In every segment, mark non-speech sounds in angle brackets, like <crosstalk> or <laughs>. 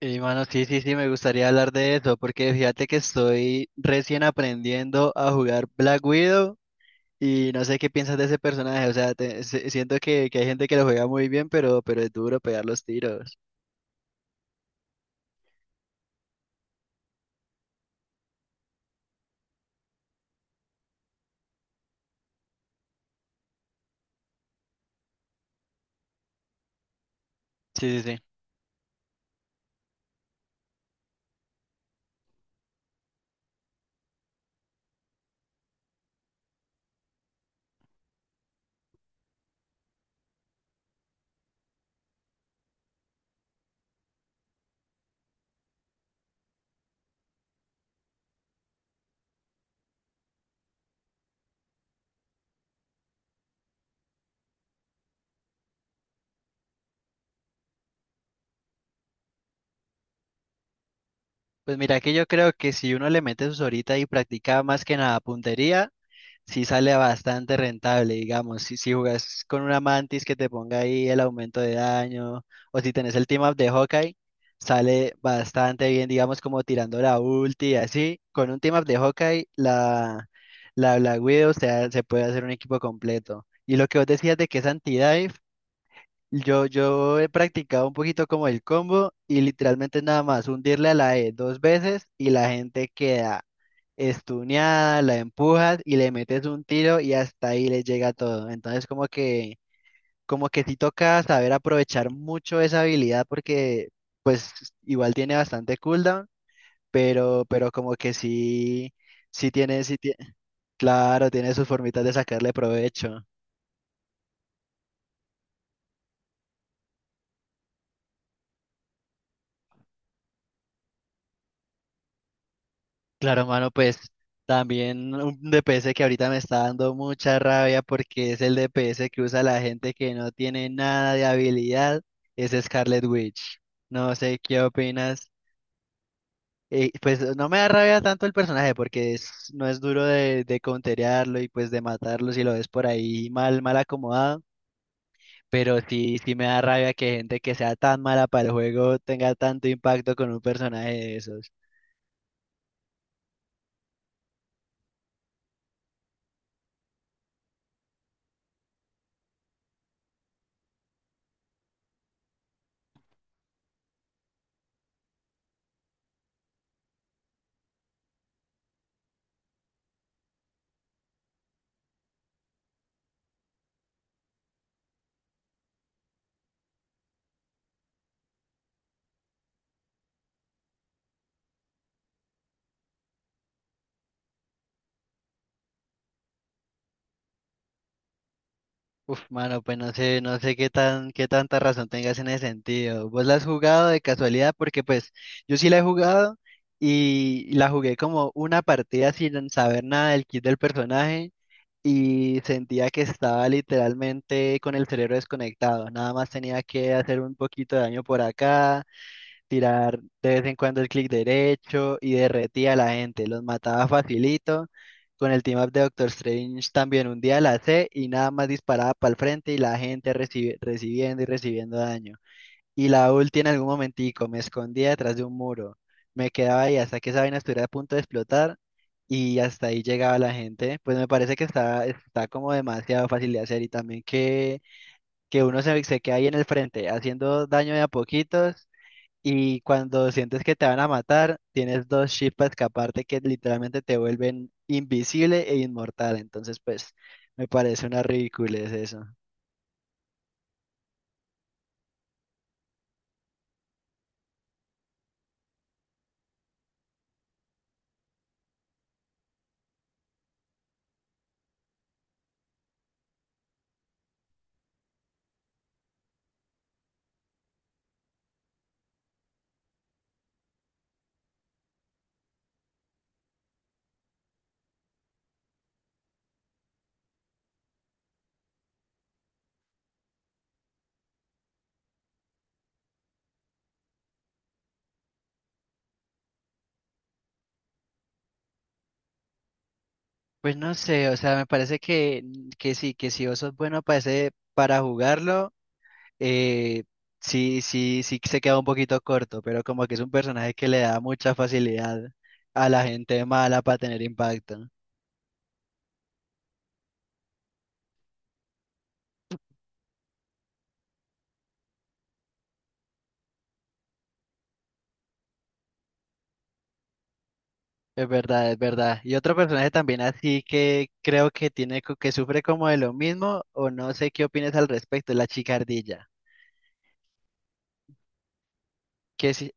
Y mano, sí, sí, sí, me gustaría hablar de eso, porque fíjate que estoy recién aprendiendo a jugar Black Widow y no sé qué piensas de ese personaje, o sea, siento que hay gente que lo juega muy bien, pero es duro pegar los tiros. Sí, sí, sí. Pues mira que yo creo que si uno le mete sus horitas y practica más que nada puntería, sí sale bastante rentable, digamos. Si jugas con una mantis que te ponga ahí el aumento de daño, o si tenés el team up de Hawkeye, sale bastante bien, digamos, como tirando la ulti y así. Con un team up de Hawkeye, la Black Widow, o sea, se puede hacer un equipo completo. Y lo que vos decías de que es anti-dive, yo he practicado un poquito como el combo y literalmente nada más hundirle a la E dos veces y la gente queda estuneada, la empujas y le metes un tiro y hasta ahí le llega todo. Entonces como que sí toca saber aprovechar mucho esa habilidad porque pues igual tiene bastante cooldown, pero como que sí, sí tiene, claro, tiene sus formitas de sacarle provecho. Claro, mano, pues también un DPS que ahorita me está dando mucha rabia porque es el DPS que usa la gente que no tiene nada de habilidad, es Scarlet Witch. No sé qué opinas. Pues no me da rabia tanto el personaje porque no es duro de counterearlo y pues de matarlo si lo ves por ahí mal, mal acomodado. Pero sí, sí me da rabia que gente que sea tan mala para el juego tenga tanto impacto con un personaje de esos. Uf, mano, pues no sé, no sé qué tan, qué tanta razón tengas en ese sentido. ¿Vos la has jugado de casualidad? Porque pues yo sí la he jugado y la jugué como una partida sin saber nada del kit del personaje y sentía que estaba literalmente con el cerebro desconectado. Nada más tenía que hacer un poquito de daño por acá, tirar de vez en cuando el clic derecho y derretía a la gente, los mataba facilito. Con el team up de Doctor Strange también un día la C y nada más disparaba para el frente y la gente recibiendo y recibiendo daño. Y la ulti en algún momentico me escondía detrás de un muro. Me quedaba ahí hasta que esa vaina estuviera a punto de explotar y hasta ahí llegaba la gente. Pues me parece que está como demasiado fácil de hacer y también que uno se queda ahí en el frente haciendo daño de a poquitos y cuando sientes que te van a matar, tienes dos chips para escaparte que literalmente te vuelven invisible e inmortal. Entonces, pues, me parece una ridiculez eso. Pues no sé, o sea, me parece que sí, que si vos sos bueno para para jugarlo, eh, sí, sí, sí que se queda un poquito corto, pero como que es un personaje que le da mucha facilidad a la gente mala para tener impacto. Es verdad, es verdad. Y otro personaje también así que creo que tiene que sufre como de lo mismo, o no sé qué opinas al respecto, es la chicardilla. Que sí.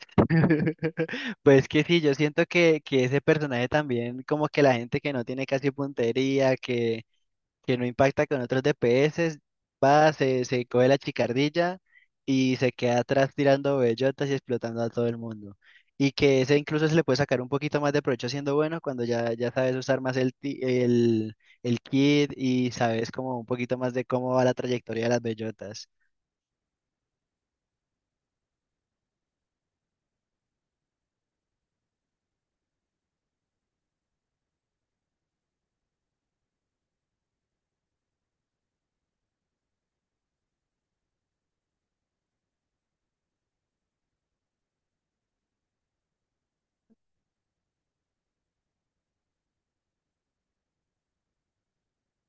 <laughs> Pues que sí, yo siento que ese personaje también, como que la gente que no tiene casi puntería, que no impacta con otros DPS, va, se coge la chicardilla y se queda atrás tirando bellotas y explotando a todo el mundo. Y que ese incluso se le puede sacar un poquito más de provecho siendo bueno cuando ya, ya sabes usar más el kit y sabes como un poquito más de cómo va la trayectoria de las bellotas.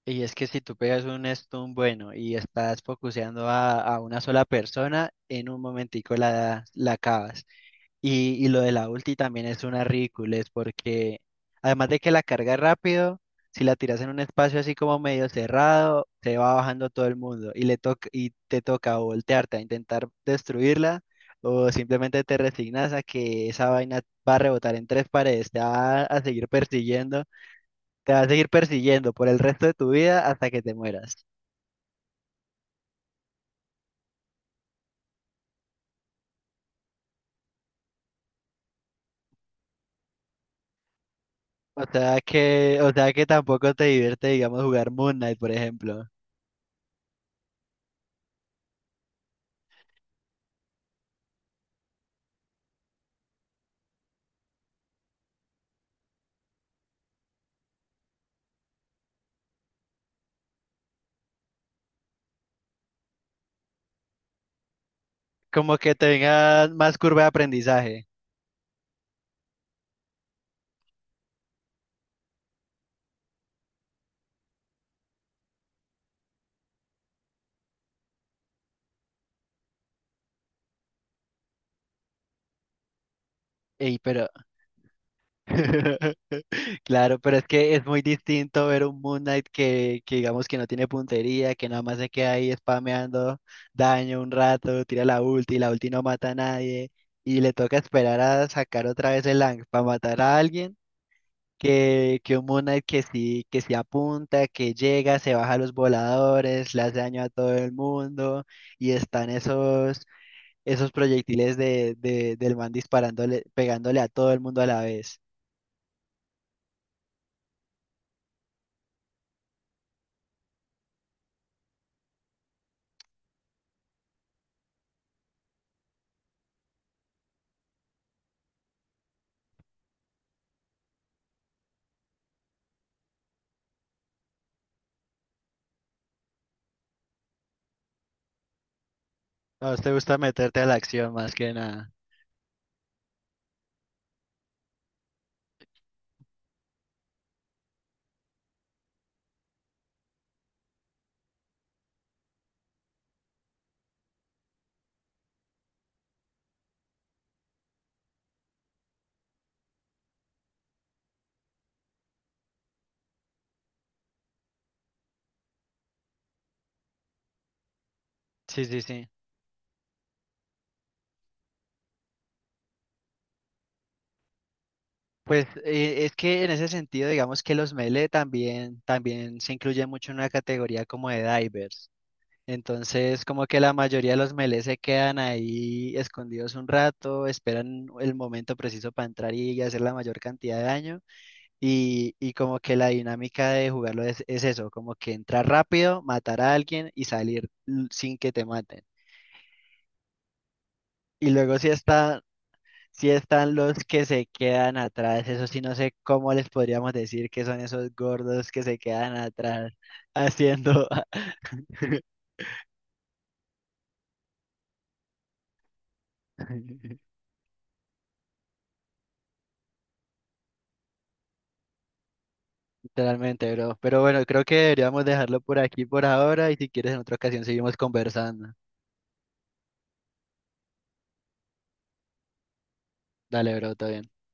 Y es que si tú pegas un stun bueno y estás focuseando a una sola persona, en un momentico la acabas. Y lo de la ulti también es una ridiculez porque además de que la carga rápido, si la tiras en un espacio así como medio cerrado, se va bajando todo el mundo y le toca y te toca o voltearte a intentar destruirla o simplemente te resignas a que esa vaina va a rebotar en tres paredes, te va a seguir persiguiendo, te va a seguir persiguiendo por el resto de tu vida hasta que te mueras. O sea que tampoco te divierte, digamos, jugar Moon Knight, por ejemplo. Como que tenga más curva de aprendizaje. Ey, pero. <laughs> Claro, pero es que es muy distinto ver un Moon Knight que digamos que no tiene puntería, que nada más se queda ahí spameando daño un rato, tira la ulti no mata a nadie, y le toca esperar a sacar otra vez el Lang para matar a alguien, que un Moon Knight que sí apunta, que llega, se baja a los voladores, le hace daño a todo el mundo, y están esos proyectiles de, del man disparándole, pegándole a todo el mundo a la vez. A vos te gusta meterte a la acción más que nada. Sí, sí, sí. Pues es que en ese sentido, digamos que los melee también, también se incluyen mucho en una categoría como de divers. Entonces, como que la mayoría de los melee se quedan ahí escondidos un rato, esperan el momento preciso para entrar y hacer la mayor cantidad de daño. Y como que la dinámica de jugarlo es eso, como que entrar rápido, matar a alguien y salir sin que te maten. Y luego si está, si están los que se quedan atrás, eso sí no sé cómo les podríamos decir que son esos gordos que se quedan atrás haciendo <laughs> literalmente, bro. Pero bueno, creo que deberíamos dejarlo por aquí por ahora y si quieres en otra ocasión seguimos conversando. Dale, bro, todo bien.